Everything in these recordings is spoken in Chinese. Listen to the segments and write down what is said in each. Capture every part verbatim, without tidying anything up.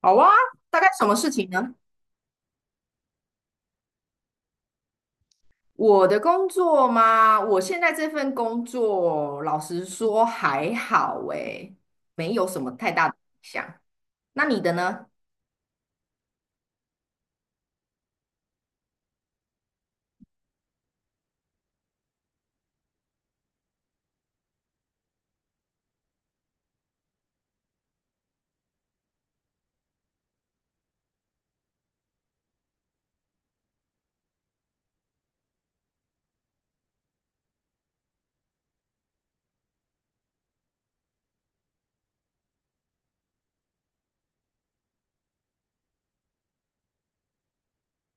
好啊，大概什么事情呢？我的工作吗？我现在这份工作，老实说还好诶，没有什么太大的影响。那你的呢？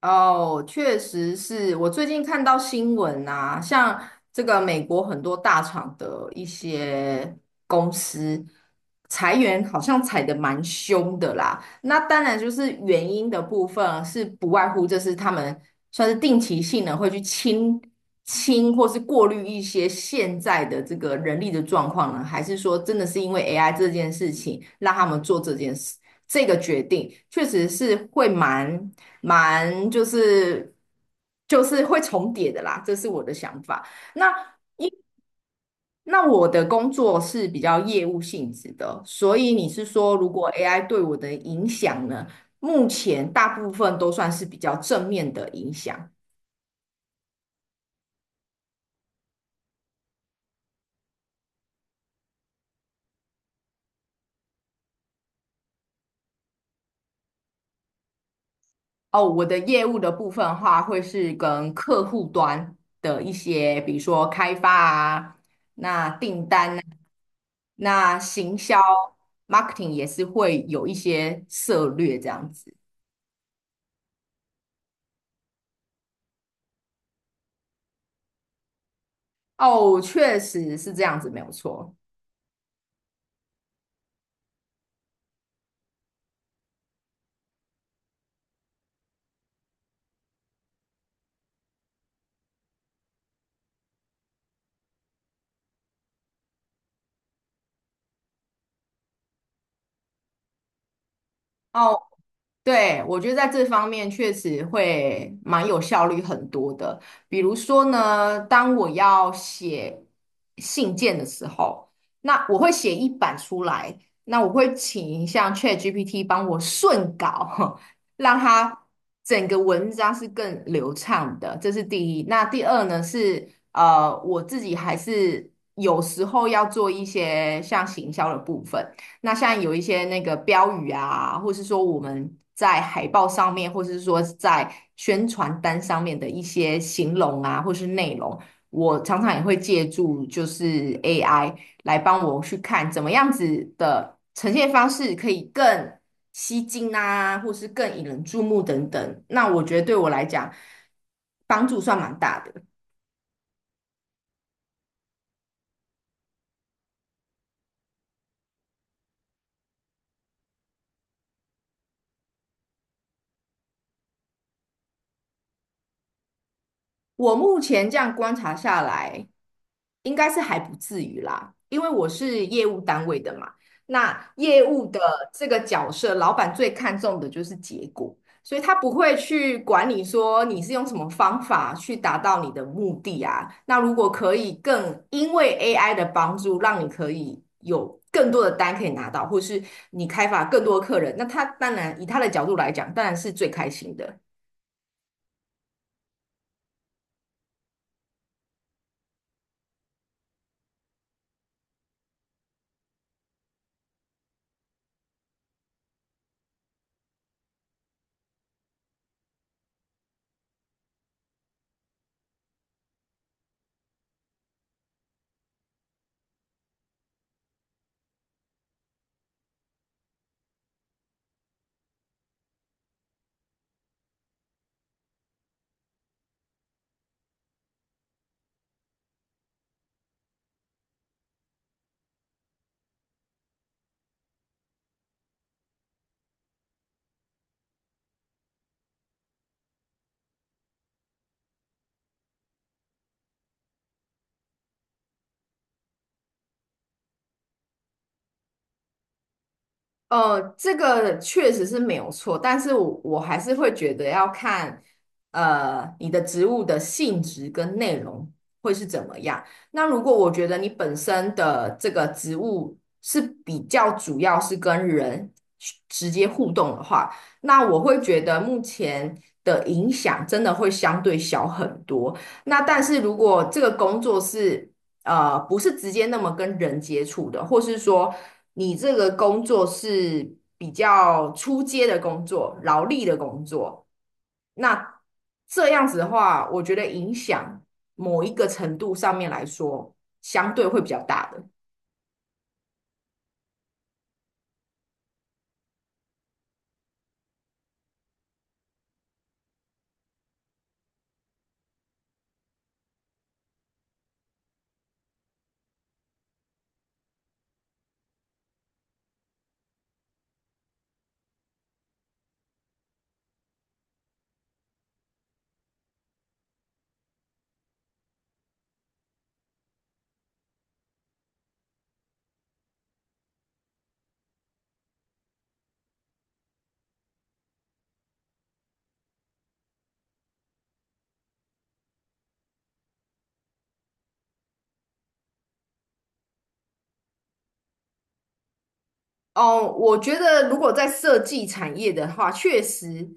哦，确实是我最近看到新闻啊，像这个美国很多大厂的一些公司裁员，好像裁得蛮凶的啦。那当然就是原因的部分啊是不外乎就是他们算是定期性的会去清清或是过滤一些现在的这个人力的状况呢，还是说真的是因为 A I 这件事情让他们做这件事这个决定，确实是会蛮蛮就是就是会重叠的啦，这是我的想法。那那我的工作是比较业务性质的，所以你是说，如果 A I 对我的影响呢？目前大部分都算是比较正面的影响哦。我的业务的部分的话，会是跟客户端的一些，比如说开发啊，那订单啊，那行销 marketing 也是会有一些策略这样子。哦，确实是这样子，没有错。哦。对，我觉得在这方面确实会蛮有效率很多的。比如说呢，当我要写信件的时候，那我会写一版出来，那我会请像 ChatGPT 帮我顺稿，让它整个文章是更流畅的，这是第一。那第二呢是，呃，我自己还是有时候要做一些像行销的部分。那像有一些那个标语啊，或是说我们在海报上面，或是说在宣传单上面的一些形容啊，或是内容，我常常也会借助就是 A I 来帮我去看怎么样子的呈现方式可以更吸睛啊，或是更引人注目等等。那我觉得对我来讲，帮助算蛮大的。我目前这样观察下来，应该是还不至于啦，因为我是业务单位的嘛。那业务的这个角色，老板最看重的就是结果，所以他不会去管你说你是用什么方法去达到你的目的啊。那如果可以更因为 A I 的帮助，让你可以有更多的单可以拿到，或是你开发更多的客人，那他当然以他的角度来讲，当然是最开心的。呃，这个确实是没有错，但是我我还是会觉得要看，呃，你的职务的性质跟内容会是怎么样。那如果我觉得你本身的这个职务是比较主要是跟人去直接互动的话，那我会觉得目前的影响真的会相对小很多。那但是如果这个工作是呃，不是直接那么跟人接触的，或是说你这个工作是比较出街的工作、劳力的工作，那这样子的话，我觉得影响某一个程度上面来说，相对会比较大的。哦，我觉得如果在设计产业的话，确实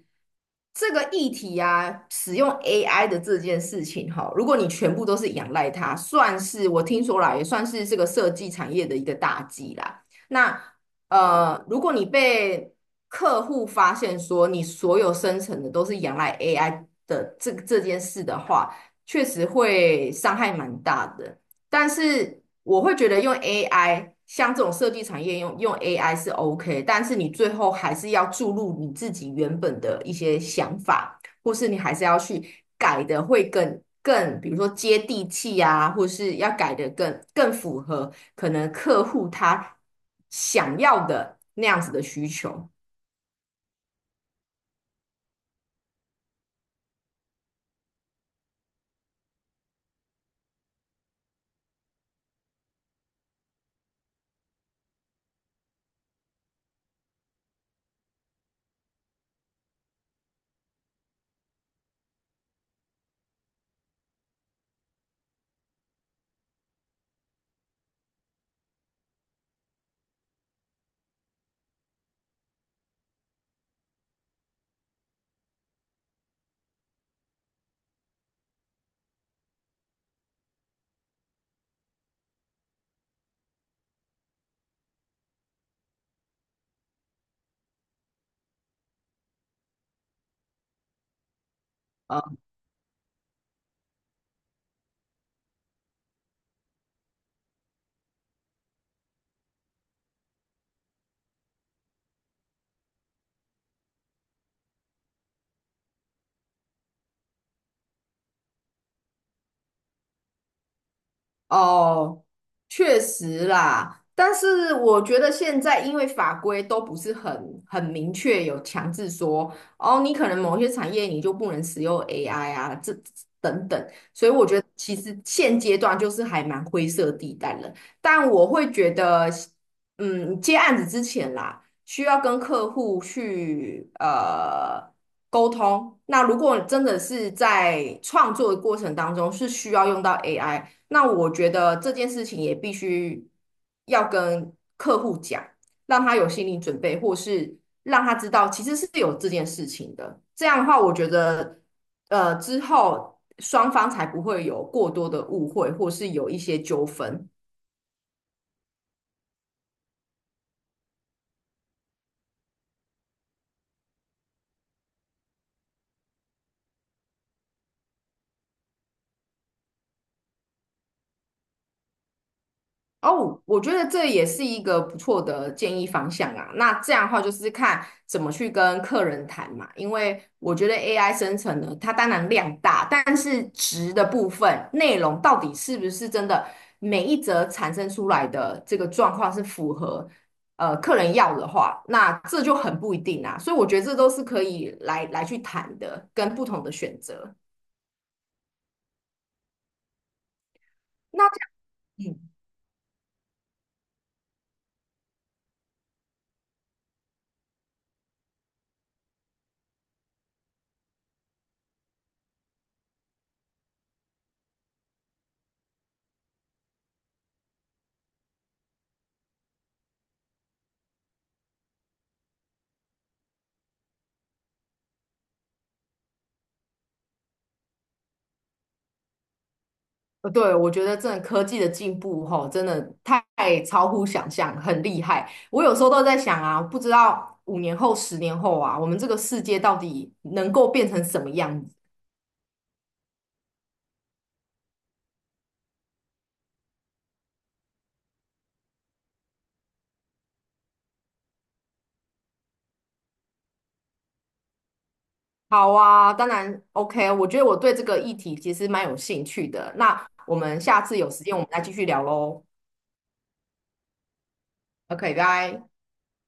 这个议题啊，使用 A I 的这件事情哈，如果你全部都是仰赖它，算是我听说啦，也算是这个设计产业的一个大忌啦。那呃，如果你被客户发现说你所有生成的都是仰赖 A I 的这这件事的话，确实会伤害蛮大的。但是我会觉得用 AI,像这种设计产业用用 A I 是 OK,但是你最后还是要注入你自己原本的一些想法，或是你还是要去改的会更更，比如说接地气啊，或是要改的更更符合可能客户他想要的那样子的需求。呃。哦，确实啦，但是我觉得现在因为法规都不是很很明确，有强制说哦，你可能某些产业你就不能使用 A I 啊，这等等，所以我觉得其实现阶段就是还蛮灰色地带了。但我会觉得，嗯，接案子之前啦，需要跟客户去呃。沟通。那如果真的是在创作的过程当中是需要用到 A I,那我觉得这件事情也必须要跟客户讲，让他有心理准备，或是让他知道其实是有这件事情的。这样的话，我觉得呃之后双方才不会有过多的误会，或是有一些纠纷。哦，我觉得这也是一个不错的建议方向啊。那这样的话，就是看怎么去跟客人谈嘛。因为我觉得 A I 生成呢，它当然量大，但是值的部分内容到底是不是真的每一则产生出来的这个状况是符合呃客人要的话，那这就很不一定啊。所以我觉得这都是可以来来去谈的，跟不同的选择。那这样嗯呃，对，我觉得真的科技的进步吼，真的太超乎想象，很厉害。我有时候都在想啊，不知道五年后、十年后啊，我们这个世界到底能够变成什么样子？好啊，当然 OK,我觉得我对这个议题其实蛮有兴趣的。那我们下次有时间，我们再继续聊喽。OK,拜。